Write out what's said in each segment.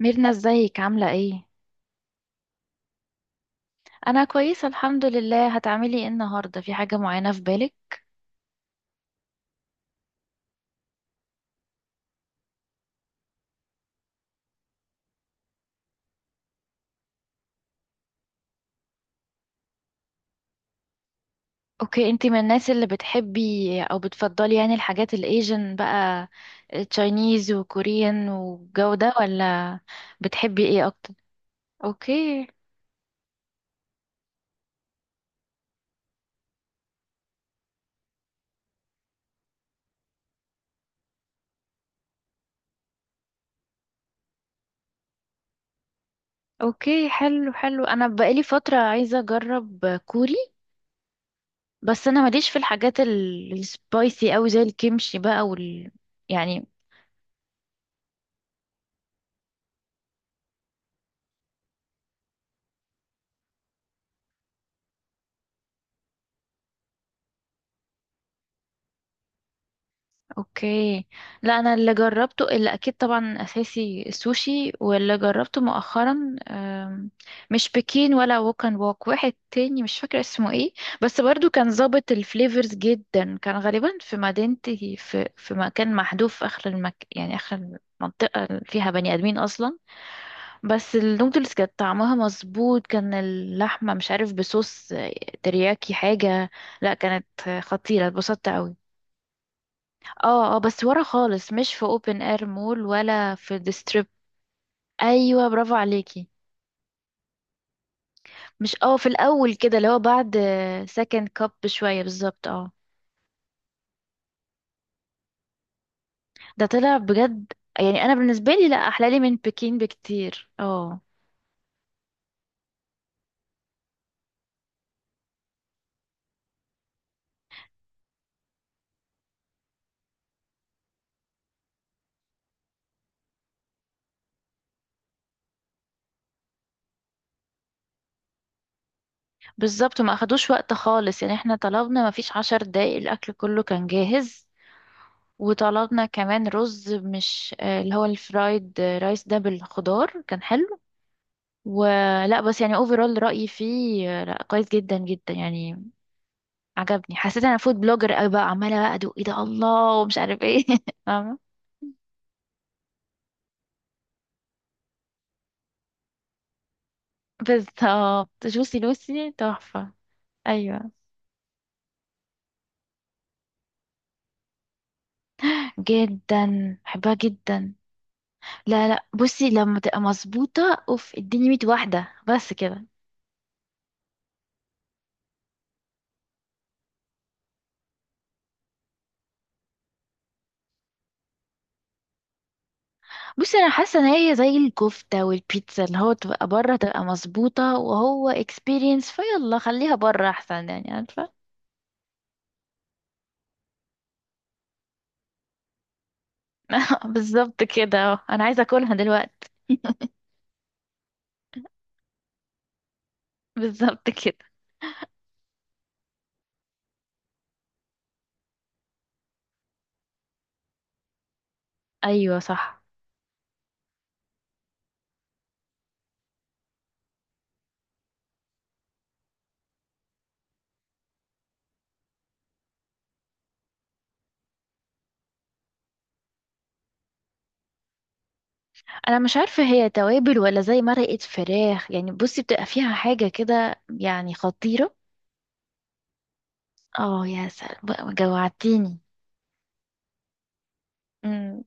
ميرنا، ازيك عاملة ايه؟ انا كويسة الحمد لله. هتعملي ايه النهاردة؟ في حاجة معينة في بالك؟ اوكي، انتي من الناس اللي بتحبي او بتفضلي يعني الحاجات الايجن بقى، تشاينيز وكوريان والجو ده، ولا بتحبي ايه اكتر؟ اوكي. اوكي، حلو حلو، انا بقالي فترة عايزة اجرب كوري. بس انا ماليش في الحاجات السبايسي اوي زي الكيمشي بقى يعني. اوكي. لا، انا اللي جربته اللي اكيد طبعا اساسي السوشي، واللي جربته مؤخرا مش بكين ولا ووك اند ووك، واحد تاني مش فاكره اسمه ايه. بس برضو كان ظابط الفليفرز جدا، كان غالبا في مدينتي في مكان محذوف في اخر يعني اخر منطقه فيها بني ادمين اصلا. بس النودلز كانت طعمها مظبوط، كان اللحمه مش عارف بصوص ترياكي حاجه. لا كانت خطيره، اتبسطت قوي. اه، اه، بس ورا خالص، مش في اوبن اير مول ولا في ديستريب. ايوه، برافو عليكي. مش، اه، في الاول كده اللي هو بعد سكند كاب بشويه بالظبط، اه. ده طلع بجد. يعني انا بالنسبه لي، لا، احلى لي من بكين بكتير، اه. بالظبط، ما اخدوش وقت خالص يعني، احنا طلبنا ما فيش 10 دقايق الاكل كله كان جاهز. وطلبنا كمان رز، مش، اللي هو الفرايد رايس ده بالخضار، كان حلو. ولا بس يعني، اوفرول رأيي فيه لا، كويس جدا جدا يعني. عجبني، حسيت انا فود بلوجر قوي بقى، عماله بقى ادوق ايه ده الله ومش عارف ايه. فاهمه؟ بالظبط، جوسي لوسي تحفه. ايوه، جدا بحبها جدا. لا لا، بصي، لما تبقى مظبوطه اوف اديني 100 واحده بس كده. بصي، انا حاسه ان هي زي الكفته والبيتزا، اللي هو تبقى بره تبقى مظبوطه وهو اكسبيرينس فيلا، خليها بره احسن يعني، عارفه؟ بالظبط كده، انا عايزه اكلها دلوقتي. بالظبط كده، ايوه صح. انا مش عارفه هي توابل ولا زي مرقه فراخ يعني، بصي بتبقى فيها حاجه كده يعني خطيره. اه، يا سلام بقى، جوعتيني. امم.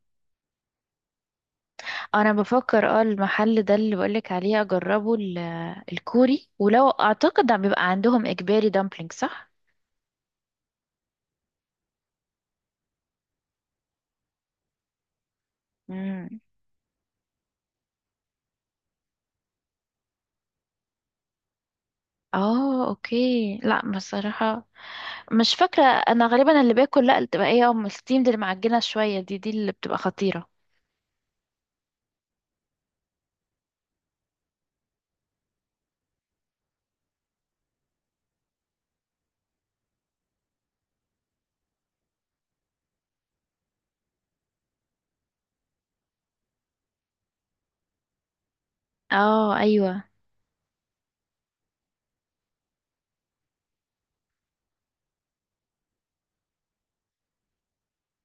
انا بفكر، المحل ده اللي بقولك عليه اجربه الكوري، ولو اعتقد ده بيبقى عندهم اجباري دامبلينج، صح؟ مم. اه، اوكي، لا بصراحه، مش فاكره، انا غالبا اللي باكل، لا اللي بتبقى ايه، الستيم دي، المعجنه شويه، دي اللي بتبقى خطيره. اه، ايوه،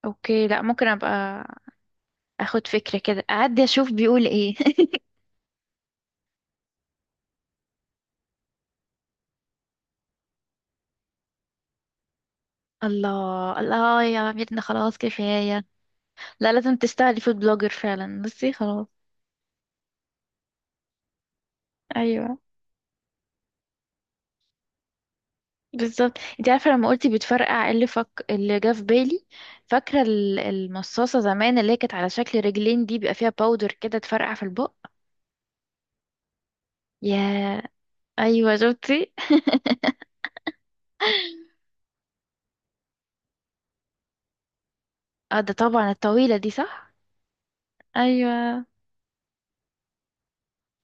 اوكي، لا ممكن ابقى اخد فكرة كده، اعدي اشوف بيقول ايه. الله، الله، يا ميرنا، خلاص كفاية. لا، لازم تستاهلي فود بلوجر فعلا، بصي خلاص. ايوه. بالظبط، انت عارفة لما قلتي بتفرقع إيه اللي فك اللي جه في بالي؟ فاكرة المصاصة زمان اللي هي كانت على شكل رجلين دي، بيبقى فيها باودر كده تفرقع في البق؟ يا ايوه، شفتي؟ اه، ده طبعا الطويلة دي، صح. ايوه،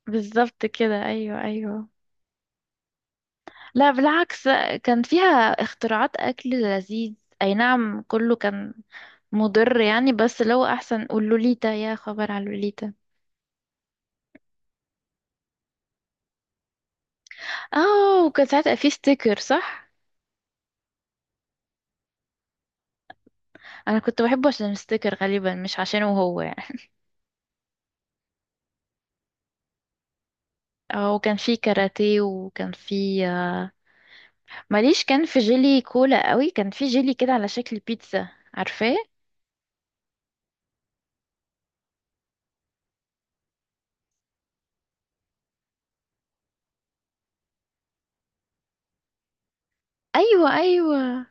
بالظبط كده، ايوه ايوه. لا بالعكس، كان فيها اختراعات اكل لذيذ. اي نعم، كله كان مضر يعني، بس لو احسن قول لوليتا، يا خبر على لوليتا. اه، وكان ساعتها في ستيكر، صح. انا كنت بحبه عشان الستيكر غالبا، مش عشانه هو يعني. اه، وكان في كاراتيه، وكان في ماليش. كان في جيلي كولا قوي، كان في جيلي كده على شكل بيتزا، عارفاه؟ ايوه ايوه،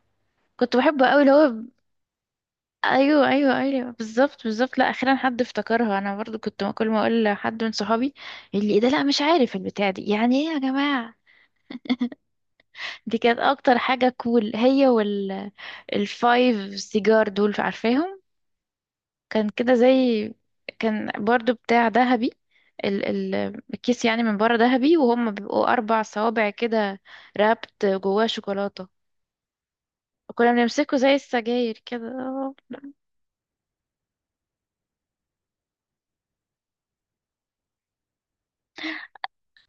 كنت بحبه قوي اللي هو. ايوه ايوه ايوه، بالظبط بالظبط، لا اخيرا حد افتكرها، انا برضو كنت ما كل ما اقول لحد من صحابي، اللي إيه ده، لا مش عارف البتاع دي يعني ايه يا جماعه. دي كانت اكتر حاجه كول، هي وال الفايف سيجار دول، عارفاهم؟ كان كده زي، كان برضو بتاع ذهبي، ال ال الكيس يعني من بره ذهبي، وهم بيبقوا 4 صوابع كده، رابط جواه شوكولاته. وكنا بنمسكه زي السجاير كده.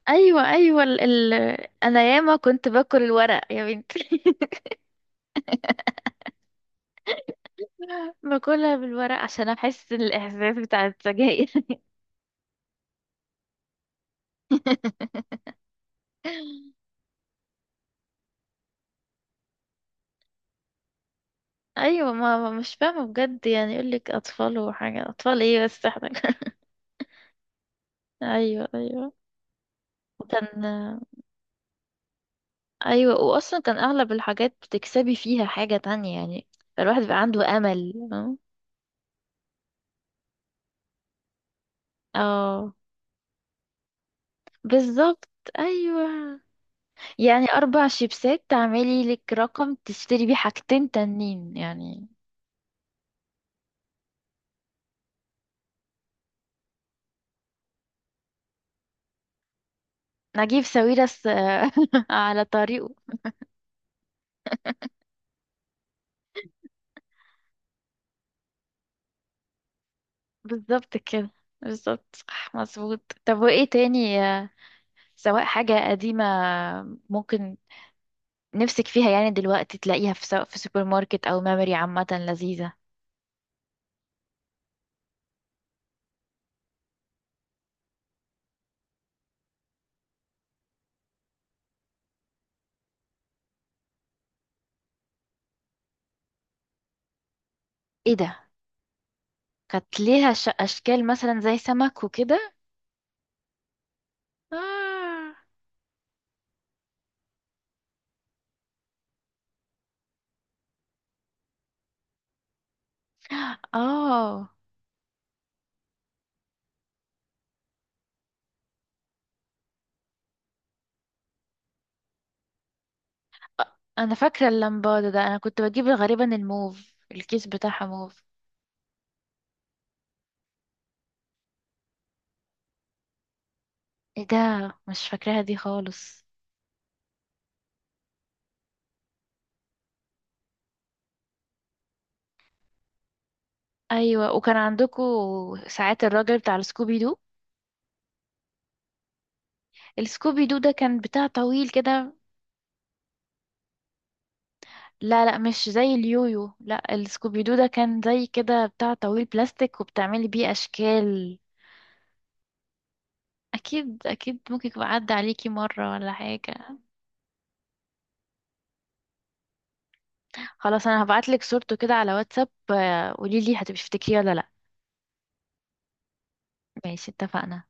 ايوه ايوه، انا ياما كنت باكل الورق يا بنتي. باكلها بالورق عشان احس الاحساس بتاع السجاير. ايوه، مش فاهمه بجد يعني، يقول لك اطفال وحاجه، اطفال ايه بس احنا. ايوه ايوه، كان. ايوه، واصلا كان اغلب الحاجات بتكسبي فيها حاجه تانية يعني، فالواحد بقى عنده امل، فاهمة؟ اه، بالظبط، ايوه، يعني 4 شيبسات تعملي لك رقم تشتري بيه حاجتين تانيين يعني. نجيب ساويرس، على طريقه. بالظبط كده. بالظبط، صح مظبوط. طب وإيه تاني سواء حاجة قديمة ممكن نفسك فيها يعني دلوقتي تلاقيها، في سواء في سوبر ماركت أو ميموري عامة لذيذة؟ إيه ده؟ كانت ليها أشكال مثلا زي سمك وكده؟ آه. آه. انا فاكره اللمبادة ده، انا كنت بجيب غالبا الموف، الكيس بتاعها موف. ايه ده؟ مش فاكراها دي خالص. ايوه، وكان عندكو ساعات الراجل بتاع السكوبي دو؟ السكوبي دو ده كان بتاع طويل كده. لا لا، مش زي اليويو، لا، السكوبي دو ده كان زي كده بتاع طويل بلاستيك، وبتعملي بيه اشكال. اكيد اكيد، ممكن يبقى عدى عليكي مره ولا حاجه. خلاص، انا هبعتلك صورته كده على واتساب، قوليلي هتبقي تفتكريه ولا لا. ماشي، اتفقنا.